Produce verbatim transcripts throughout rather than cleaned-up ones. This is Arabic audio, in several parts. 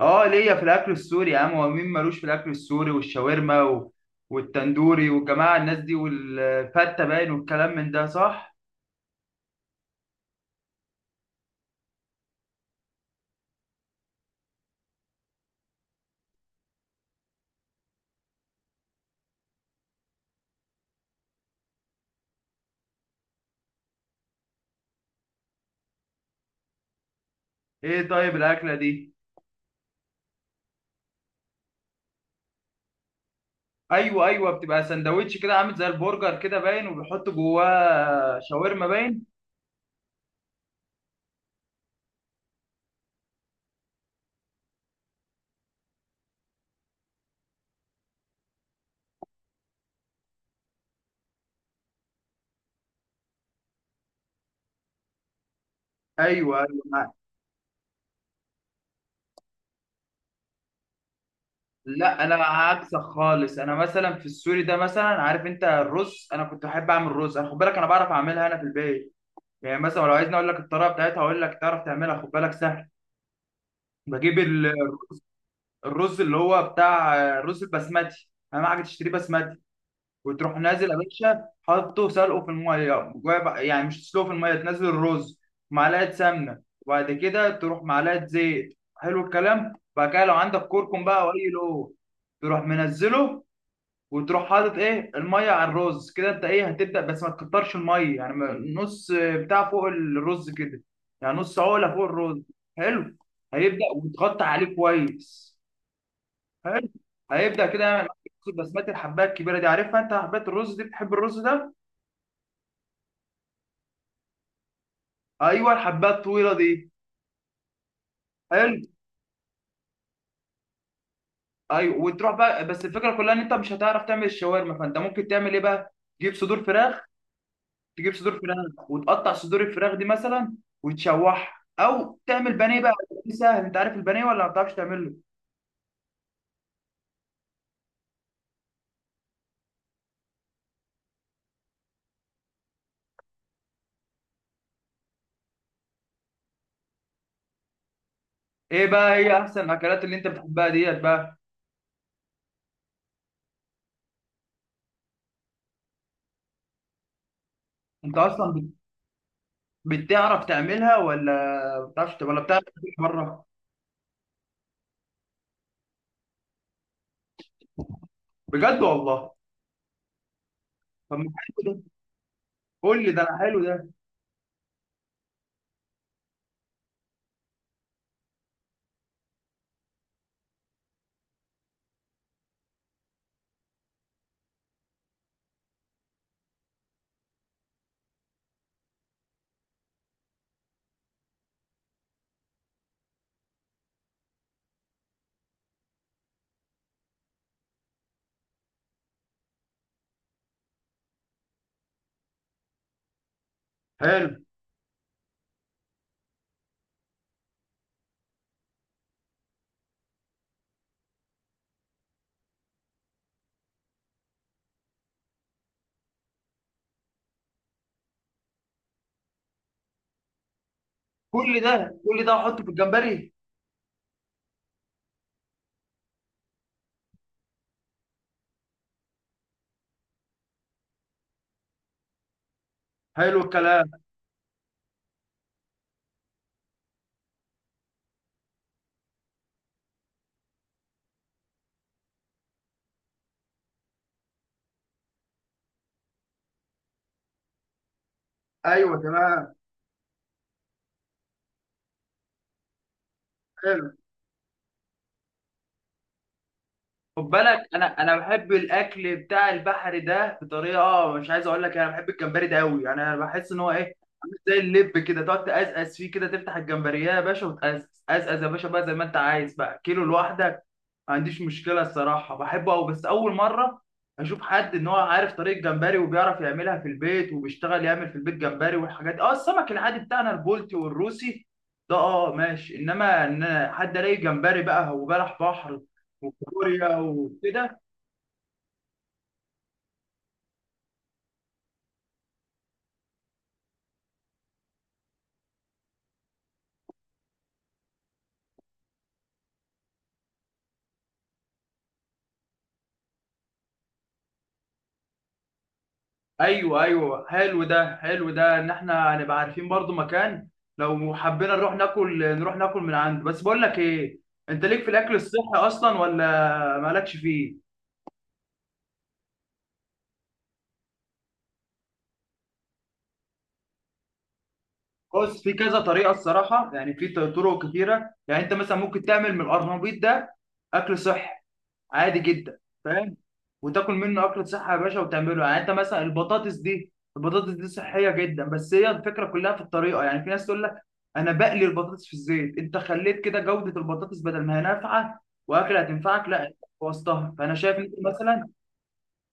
اه ليا في الاكل السوري يا عم. هو مين مالوش في الاكل السوري والشاورما و... والتندوري والجماعه الناس دي والفته باين والكلام من ده، صح؟ ايه طيب الاكله دي. ايوه ايوه، بتبقى سندوتش كده عامل زي البرجر كده باين، وبيحط جواه شاورما باين. ايوه ايوه. لا انا عكسك خالص، انا مثلا في السوري ده، مثلا عارف انت الرز، انا كنت بحب اعمل رز، انا خد بالك انا بعرف اعملها انا في البيت. يعني مثلا لو عايزني اقول لك الطريقه بتاعتها، اقول لك تعرف تعملها خد بالك سهل. بجيب ال الرز اللي هو بتاع الرز البسمتي، اهم حاجه تشتريه بسمتي. وتروح نازل يا باشا حاطه سلقه في الميه جوا بقى- يعني مش تسلقه في الميه، تنزل الرز معلقه سمنه، وبعد كده تروح معلقه زيت حلو الكلام. بعد كده لو عندك كركم بقى او اي لو تروح منزله. وتروح حاطط ايه الميه على الرز كده، انت ايه هتبدا بس ما تكترش الميه، يعني ما- نص بتاع فوق الرز كده، يعني نص عقله فوق الرز. حلو. هيبدا وتغطي عليه كويس. حلو. هيبدأ كده يعمل معاك بسمات الحباية الكبيرة دي، عارفها انت حباية الرز دي؟ بتحب الرز ده؟ ايوه الحباية الطويلة دي. حلو. ايوه وتروح بقى، بس الفكرة كلها ان انت مش هتعرف تعمل الشاورما، فانت ممكن تعمل ايه بقى؟ تجيب صدور فراخ. تجيب صدور فراخ وتقطع صدور الفراخ دي مثلا، وتشوحها او تعمل بانيه بقى. دي سهل. انت عارف البانيه ولا ما بتعرفش تعمله؟ ايه بقى هي احسن الاكلات اللي انت بتحبها ديت بقى؟ انت اصلا بت- بتعرف تعملها، ولا ما بتعرفش، ولا بتعرف تعملها بره؟ بجد والله؟ طب ما حلو ده. كل ده أنا حلو ده. حلو. كل ده كل ده احطه في الجمبري. حلو الكلام. ايوه تمام. حلو. خد بالك انا انا بحب الاكل بتاع البحر ده بطريقه، آه، مش عايز اقول لك، انا بحب الجمبري ده قوي يعني. انا بحس ان هو ايه، عامل زي اللب كده، تقعد تقزقز فيه كده، تفتح الجمبريه يا باشا وتقزقز قزقز يا باشا بقى زي ما انت عايز بقى، كيلو لوحدك ما عنديش مشكله الصراحه، بحبه قوي. بس اول مره اشوف حد ان هو عارف طريقه جمبري وبيعرف يعملها في البيت، وبيشتغل يعمل في البيت جمبري والحاجات دي. اه السمك العادي بتاعنا البولتي والروسي ده اه ماشي، انما ان حد الاقي جمبري بقى، وبلح بحر وكوريا وكده. ايوه ايوه حلو ده حلو ده، ان احنا هنبقى عارفين برضو مكان لو حبينا نروح ناكل نروح ناكل من عنده. بس بقول لك ايه، انت ليك في الاكل الصحي اصلا، ولا مالكش فيه؟ بص في كذا طريقه الصراحه، يعني في طرق كتيره، يعني انت مثلا ممكن تعمل من القرنبيط ده اكل صحي، عادي جدا، فاهم؟ وتاكل منه اكله صحه يا باشا وتعمله. يعني انت مثلا البطاطس دي، البطاطس دي صحيه جدا، بس هي الفكره كلها في الطريقه. يعني في ناس تقول لك انا بقلي البطاطس في الزيت، انت خليت كده جوده البطاطس بدل ما هي نافعه واكله هتنفعك، لا انت بوظتها. فانا شايف إن انت مثلا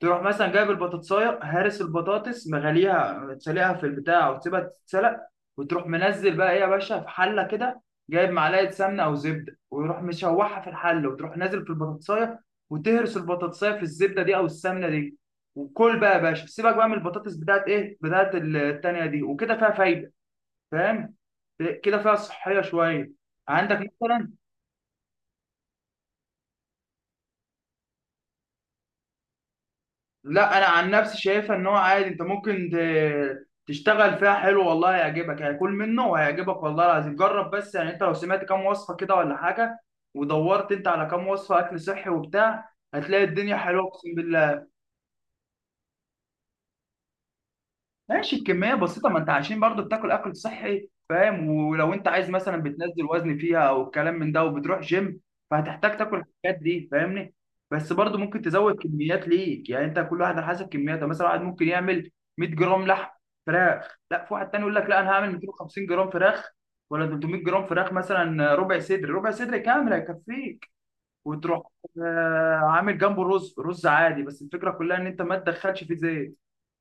تروح مثلا جايب البطاطسايه، هارس البطاطس مغليها، تسلقها في البتاع وتسيبها تتسلق. وتروح منزل بقى ايه يا باشا في حله كده، جايب معلقه سمنه او زبده، ويروح مشوحها في الحله، وتروح نازل في البطاطسايه، وتهرس البطاطسايه في الزبده دي او السمنه دي. وكل بقى يا باشا، سيبك بقى من البطاطس بتاعت ايه بتاعت ال- التانيه دي، وكده فيها فايده، فاهم؟ كده فيها صحيه شويه. عندك مثلا. لا انا عن نفسي شايفها ان هو عادي، انت ممكن ت- تشتغل فيها حلو، والله هيعجبك، هيكون منه وهيعجبك والله العظيم، جرب بس. يعني انت لو سمعت كام وصفه كده ولا حاجه، ودورت انت على كام وصفه اكل صحي وبتاع، هتلاقي الدنيا حلوه اقسم بالله. ماشي الكميه بسيطه، ما انت عشان برضو بتاكل اكل صحي فاهم؟ ولو انت عايز مثلا بتنزل وزن فيها او الكلام من ده، وبتروح جيم، فهتحتاج تاكل الحاجات دي فاهمني؟ بس برضو ممكن تزود كميات ليك، يعني انت كل واحد على حسب كمياته. يعني مثلا واحد ممكن يعمل 100 جرام لحم فراخ، لا في واحد تاني يقول لك لا انا هعمل 250 جرام فراخ، ولا 300 جرام فراخ مثلا. ربع صدر، ربع صدر كامل هيكفيك. وتروح آه، عامل جنبه رز، رز عادي، بس الفكره كلها ان انت ما تدخلش فيه زيت.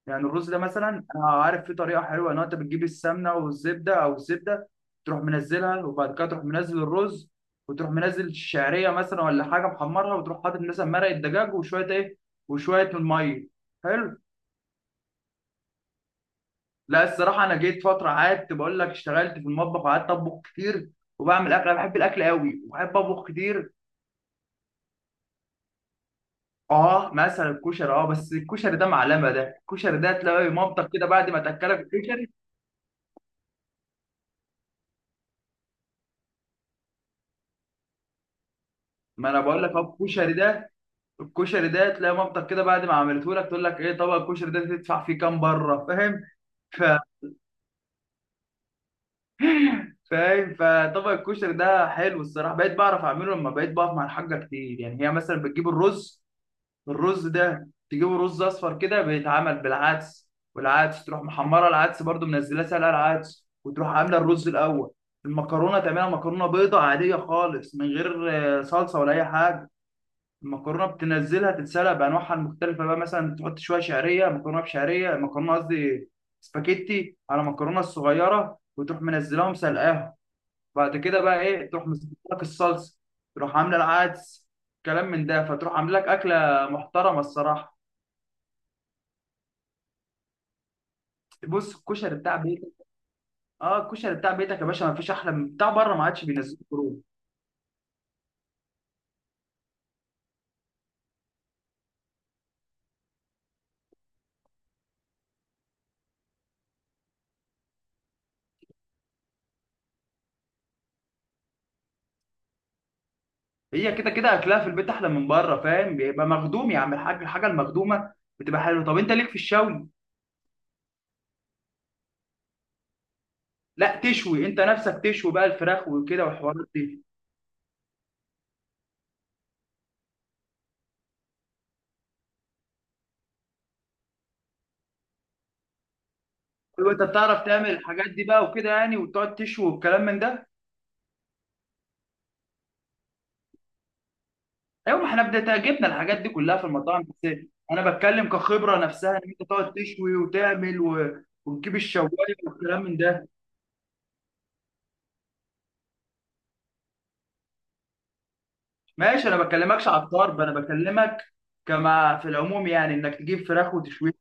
يعني الرز ده مثلا، انا عارف فيه طريقه حلوه ان انت بتجيب السمنه والزبده او الزبده، تروح منزلها، وبعد كده تروح منزل الرز، وتروح منزل الشعريه مثلا ولا حاجه محمرها، وتروح حاطط مثلا مرق الدجاج وشويه ايه وشويه من الميه. حلو. لا الصراحه انا جيت فتره قعدت بقول لك، اشتغلت في المطبخ وقعدت اطبخ كتير، وبعمل اكل. انا بحب الاكل قوي وبحب اطبخ كتير. اه مثلا الكشري. اه بس الكشري ده معلمه ده، الكشري ده تلاقي مامتك كده بعد ما تاكلك الكشري. ما انا بقول لك اهو، الكشري ده الكشري ده تلاقي مامتك كده بعد ما عملته لك تقول لك ايه طبق الكشري ده تدفع فيه كام بره، فاهم؟ ف... فاهم. فطبق الكشري ده حلو الصراحه، بقيت بعرف اعمله لما بقيت بقف مع الحاجه كتير. يعني هي مثلا بتجيب الرز، الرز ده تجيبه رز اصفر كده بيتعمل بالعدس، والعدس تروح محمره العدس برده، منزلاه سلقه العدس، وتروح عامله الرز الاول. المكرونه تعملها مكرونه بيضه عاديه خالص من غير آه، صلصه ولا اي حاجه. المكرونه بتنزلها تتسلق بانواعها المختلفه بقى، مثلا تحط شويه شعريه، مكرونه بشعريه، مكرونه قصدي سباكيتي على مكرونه الصغيره، وتروح منزلهم سلقاهم. بعد كده بقى ايه تروح مسكت لك الصلصه، تروح عامله العدس، كلام من ده، فتروح عامله لك اكله محترمه الصراحه. بص الكشري بتاع بيتك، اه الكشري بتاع بيتك يا باشا ما فيش احلى من بتاع بره، ما عادش بينزلوا كروب. هي كده كده اكلها في البيت احلى من بره فاهم؟ بيبقى مخدوم يا عم الحاج، الحاجه المخدومه بتبقى حلوه. طب انت ليك في الشوي؟ لا تشوي انت نفسك، تشوي بقى الفراخ وكده والحوارات دي؟ ايوه انت بتعرف تعمل الحاجات دي بقى وكده يعني، وتقعد تشوي والكلام من ده؟ ايوه ما احنا بدأت جبنا الحاجات دي كلها في المطاعم بس. انا بتكلم كخبره نفسها، ان انت تقعد تشوي وتعمل و... وتجيب الشوايه والكلام من ده. ماشي انا بكلمكش على الطرب، انا بكلمك كما في العموم يعني، انك تجيب فراخ وتشويها.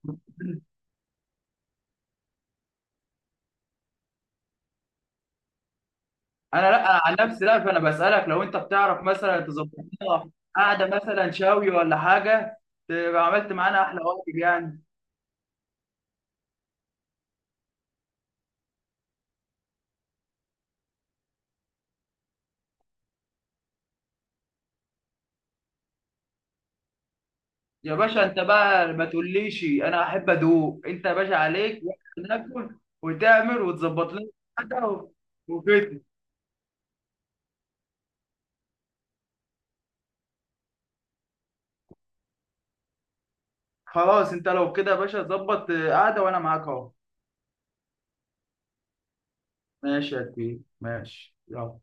انا لا. انا عن نفسي لا، فانا بسالك لو انت بتعرف مثلا تظبط لنا قاعده مثلا شاوي ولا حاجه، تبقى عملت معانا احلى واجب يعني. يا باشا انت بقى ما تقوليش انا احب ادوق، انت يا باشا عليك واحنا ناكل، وتعمل وتظبط لنا قاعده و- وكده. خلاص انت لو كده يا باشا ظبط قاعده وانا معاك اهو. ماشي يا كبير، ماشي يلا.